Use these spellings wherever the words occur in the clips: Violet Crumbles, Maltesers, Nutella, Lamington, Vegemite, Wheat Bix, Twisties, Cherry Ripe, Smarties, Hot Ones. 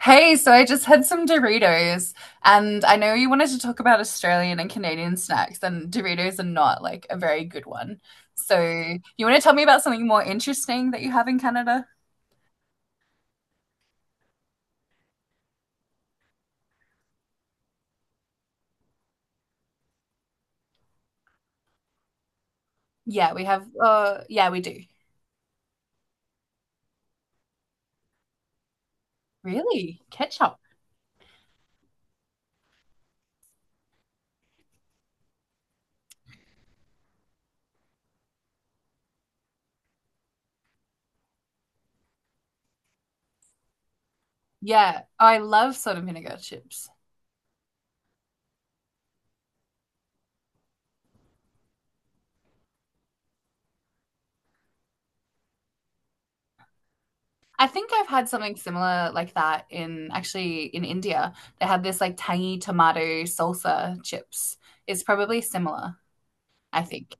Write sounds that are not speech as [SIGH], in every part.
Hey, so I just had some Doritos, and I know you wanted to talk about Australian and Canadian snacks, and Doritos are not like a very good one. So, you want to tell me about something more interesting that you have in Canada? Yeah, we have, yeah, we do. Really? Ketchup? Yeah, I love salt and vinegar chips. I think I've had something similar like that in actually in India. They had this like tangy tomato salsa chips. It's probably similar, I think.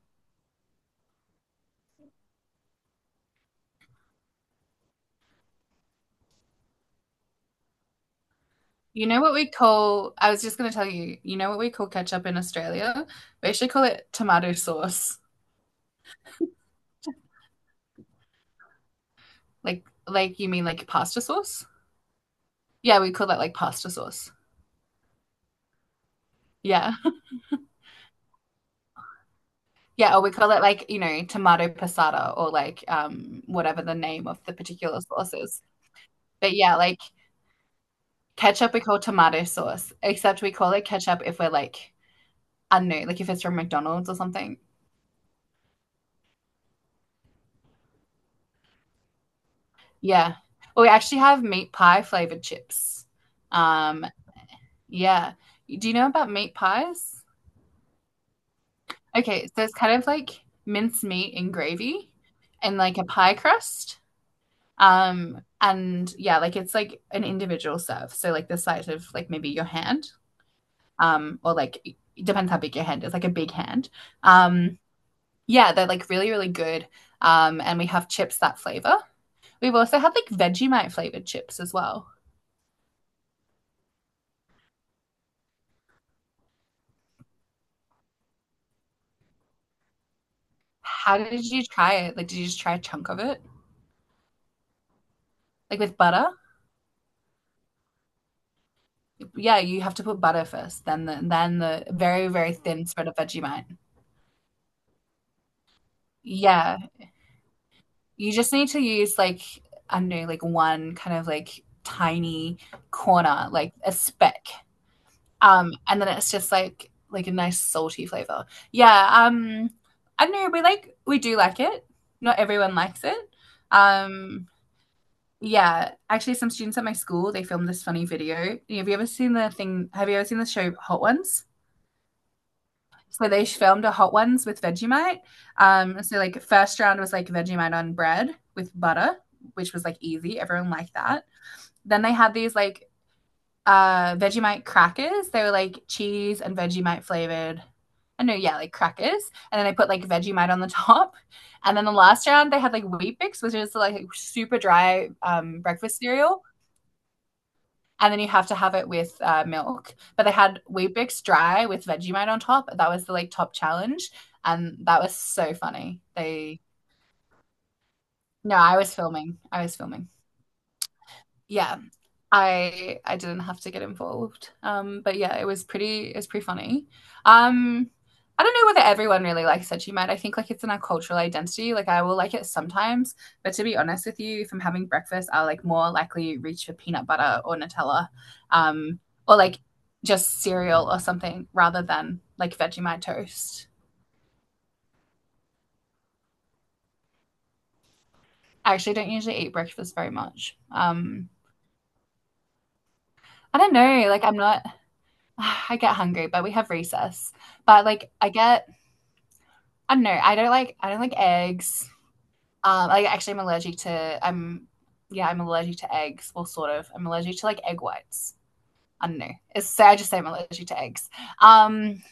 You know what we call, I was just going to tell you, you know what we call ketchup in Australia? We actually call it tomato sauce. Like you mean like pasta sauce? Yeah, we call that like pasta sauce. Yeah. Yeah, or we call it like, you know, tomato passata or like whatever the name of the particular sauce is. But yeah, like ketchup we call tomato sauce, except we call it ketchup if we're like, I don't know, like if it's from McDonald's or something. Yeah. Or we actually have meat pie flavored chips. Um, Yeah. Do you know about meat pies? Okay, so it's kind of like minced meat and gravy and like a pie crust. And yeah, like it's like an individual serve. So like the size of like maybe your hand, or like it depends how big your hand is, like a big hand. Um, yeah, they're like really, really good. And we have chips that flavor. We've also had like Vegemite flavored chips as well. How did you try it? Like, did you just try a chunk of it? Like with butter? Yeah, you have to put butter first, then the very, very thin spread of Vegemite. Yeah. You just need to use like I don't know, like one kind of like tiny corner, like a speck. And then it's just like a nice salty flavor. Yeah, I don't know, we like we do like it. Not everyone likes it. Um yeah, actually some students at my school, they filmed this funny video. Have you ever seen the show Hot Ones? So they filmed a hot ones with Vegemite. So like first round was like Vegemite on bread with butter, which was like easy. Everyone liked that. Then they had these like Vegemite crackers. They were like cheese and Vegemite flavored. I know, yeah, like crackers. And then they put like Vegemite on the [LAUGHS] top. And then the last round they had like Wheat Bix, which is like super dry breakfast cereal and then you have to have it with milk. But they had wheat bix dry with Vegemite on top. That was the like top challenge, and that was so funny. They no, I was filming. I was filming. Yeah, I didn't have to get involved. But yeah, it was pretty funny. Um, I don't know whether everyone really likes Veggie Mite. I think like it's in our cultural identity. Like I will like it sometimes, but to be honest with you, if I'm having breakfast, I'll like more likely reach for peanut butter or Nutella, um, or like just cereal or something rather than like Vegemite toast. I actually don't usually eat breakfast very much. I don't know. Like I'm not. [SIGHS] I get hungry, but we have recess. But like I get I don't know. I don't like eggs. Like actually, I'm yeah I'm allergic to eggs. Well, sort of. I'm allergic to like egg whites. I don't know. It's so I just say I'm allergic to eggs. Um,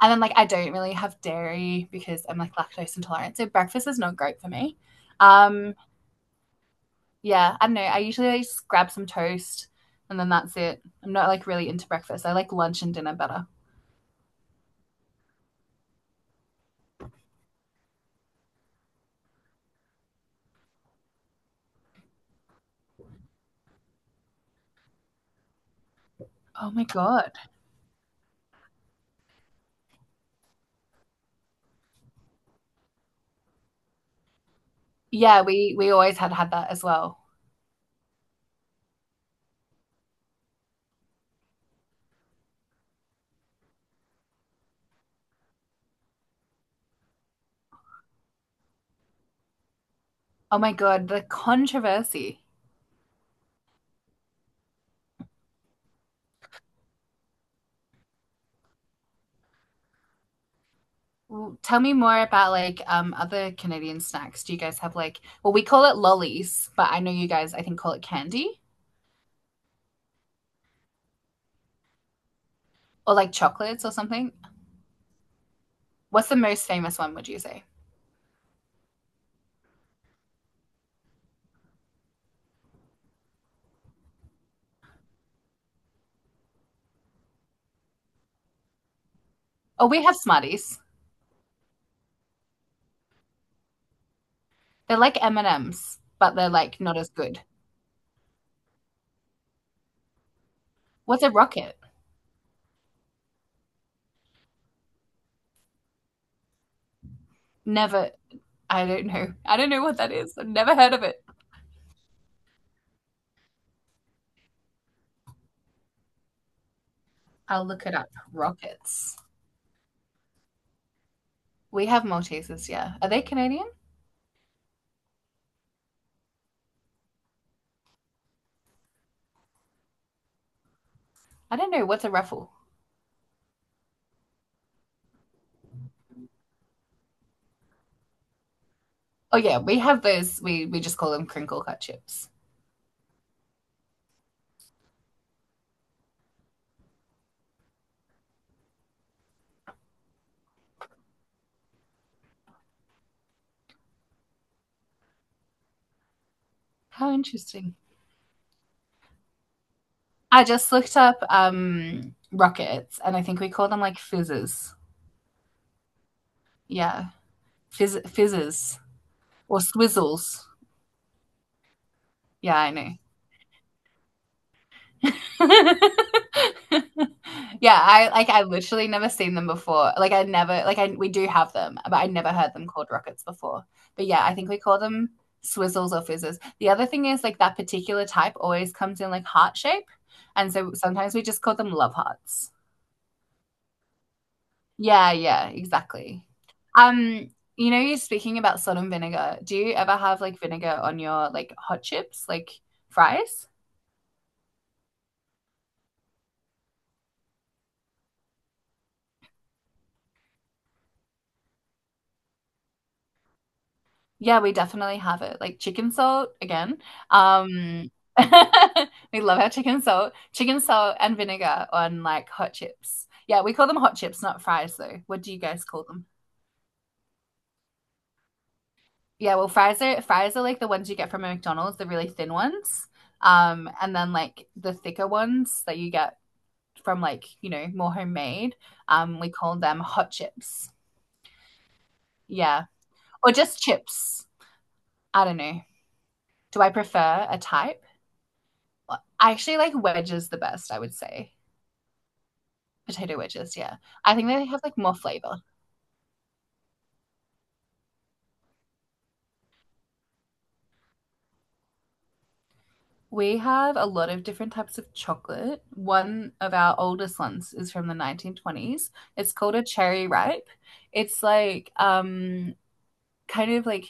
and then like I don't really have dairy because I'm like lactose intolerant. So breakfast is not great for me. Um, yeah, I don't know. I usually like, just grab some toast and then that's it. I'm not like really into breakfast. I like lunch and dinner better. Oh my god. Yeah, we always had that as well. Oh my god, the controversy. Well, tell me more about like other Canadian snacks. Do you guys have like well we call it lollies, but I know you guys I think call it candy or like chocolates or something. What's the most famous one would you say? Oh, we have Smarties. They're like M&Ms, but they're like not as good. What's a rocket? Never I don't know. I don't know what that is. I've never heard of it. I'll look it up. Rockets. We have Maltesers, yeah. Are they Canadian? I don't know. What's a ruffle? Oh yeah, we have those. We just call them crinkle cut chips. How interesting. I just looked up rockets, and I think we call them like fizzes. Yeah, fizzes or swizzles. Yeah, I know. [LAUGHS] yeah, I literally never seen them before. Like I never like I we do have them, but I never heard them called rockets before. But yeah, I think we call them swizzles or fizzes. The other thing is like that particular type always comes in like heart shape, and so sometimes we just call them love hearts. Yeah, yeah, exactly. Um, you know, you're speaking about salt and vinegar. Do you ever have like vinegar on your like hot chips, like fries? Yeah, we definitely have it. Like chicken salt again. Um, [LAUGHS] we love our chicken salt and vinegar on like hot chips. Yeah, we call them hot chips, not fries though. What do you guys call them? Yeah, well, fries are like the ones you get from a McDonald's, the really thin ones. And then like the thicker ones that you get from like, you know, more homemade. We call them hot chips. Yeah. Or just chips. I don't know. Do I prefer a type? I actually like wedges the best, I would say. Potato wedges, yeah. I think they have like more flavor. We have a lot of different types of chocolate. One of our oldest ones is from the 1920s. It's called a cherry ripe. It's like kind of like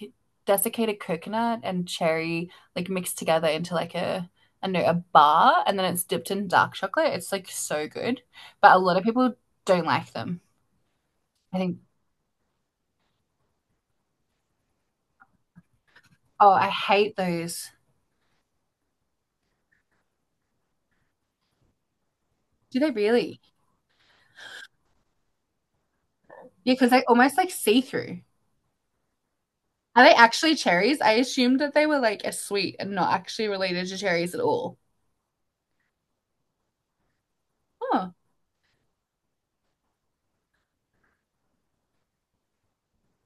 desiccated coconut and cherry like mixed together into like a I don't know a bar and then it's dipped in dark chocolate. It's like so good. But a lot of people don't like them. I think oh, I hate those. Do they really? Yeah, because they almost like see-through. Are they actually cherries? I assumed that they were like a sweet and not actually related to cherries at all. Oh.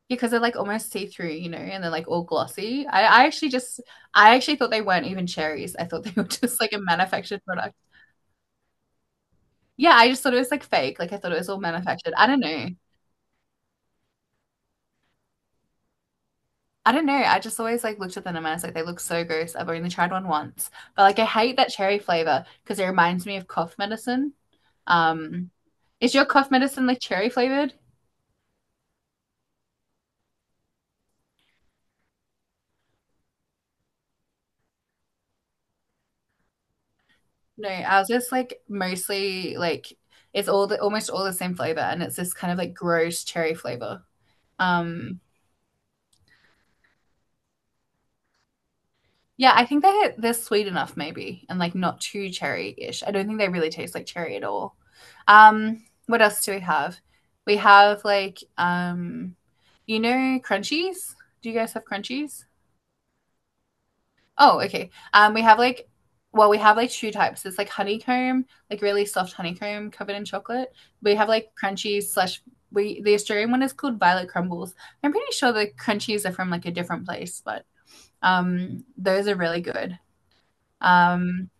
Because they're like almost see-through, you know, and they're like all glossy. I actually thought they weren't even cherries. I thought they [LAUGHS] were just like a manufactured product. Yeah, I just thought it was like fake. Like I thought it was all manufactured. I don't know. I don't know. I just always like looked at them and I was like, they look so gross. I've only tried one once. But like I hate that cherry flavor because it reminds me of cough medicine. Um, is your cough medicine like cherry flavored? No, ours is like mostly like it's all the almost all the same flavor and it's this kind of like gross cherry flavor. Um, Yeah, I think they're sweet enough maybe and like not too cherry-ish. I don't think they really taste like cherry at all. What else do we have? We have like you know crunchies? Do you guys have crunchies? Oh, okay. We have like well, we have like two types. It's like honeycomb, like really soft honeycomb covered in chocolate. We have like crunchies slash we the Australian one is called Violet Crumbles. I'm pretty sure the crunchies are from like a different place, but those are really good. Um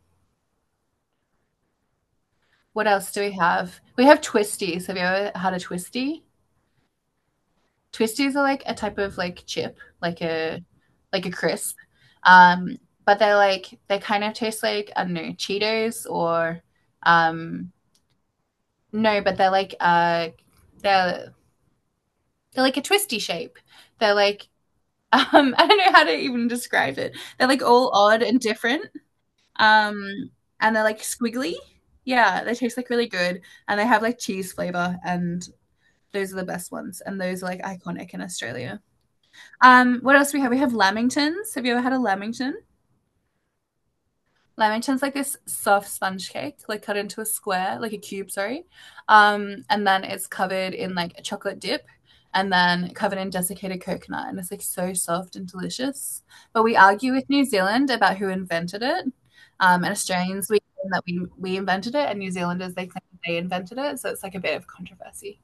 What else do we have? We have twisties. Have you ever had a twisty? Twisties are like a type of like chip, like a crisp. Um, but they're like they kind of taste like I don't know Cheetos or um, no, but they're like they're they're like a twisty shape. They're like [LAUGHS] I don't know how to even describe it. They're like all odd and different, um, and they're like squiggly. Yeah, they taste like really good, and they have like cheese flavor and those are the best ones, and those are like iconic in Australia. What else do we have? We have lamingtons. Have you ever had a lamington? Lamington's like this soft sponge cake, like cut into a square, like a cube, sorry. And then it's covered in like a chocolate dip and then covered in desiccated coconut. And it's like so soft and delicious. But we argue with New Zealand about who invented it. And Australians, we claim that we invented it, and New Zealanders, they claim they invented it. So it's like a bit of controversy.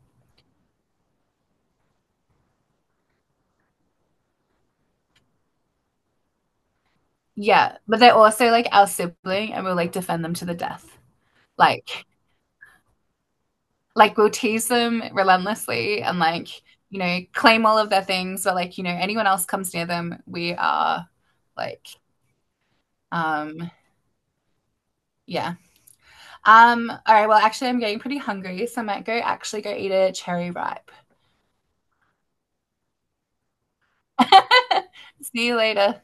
Yeah, but they're also like our sibling and we'll like defend them to the death. Like like we'll tease them relentlessly and like, you know, claim all of their things, but like, you know, anyone else comes near them, we are like um yeah. All right, well actually I'm getting pretty hungry, so I might go actually go eat a cherry ripe. [LAUGHS] See you later.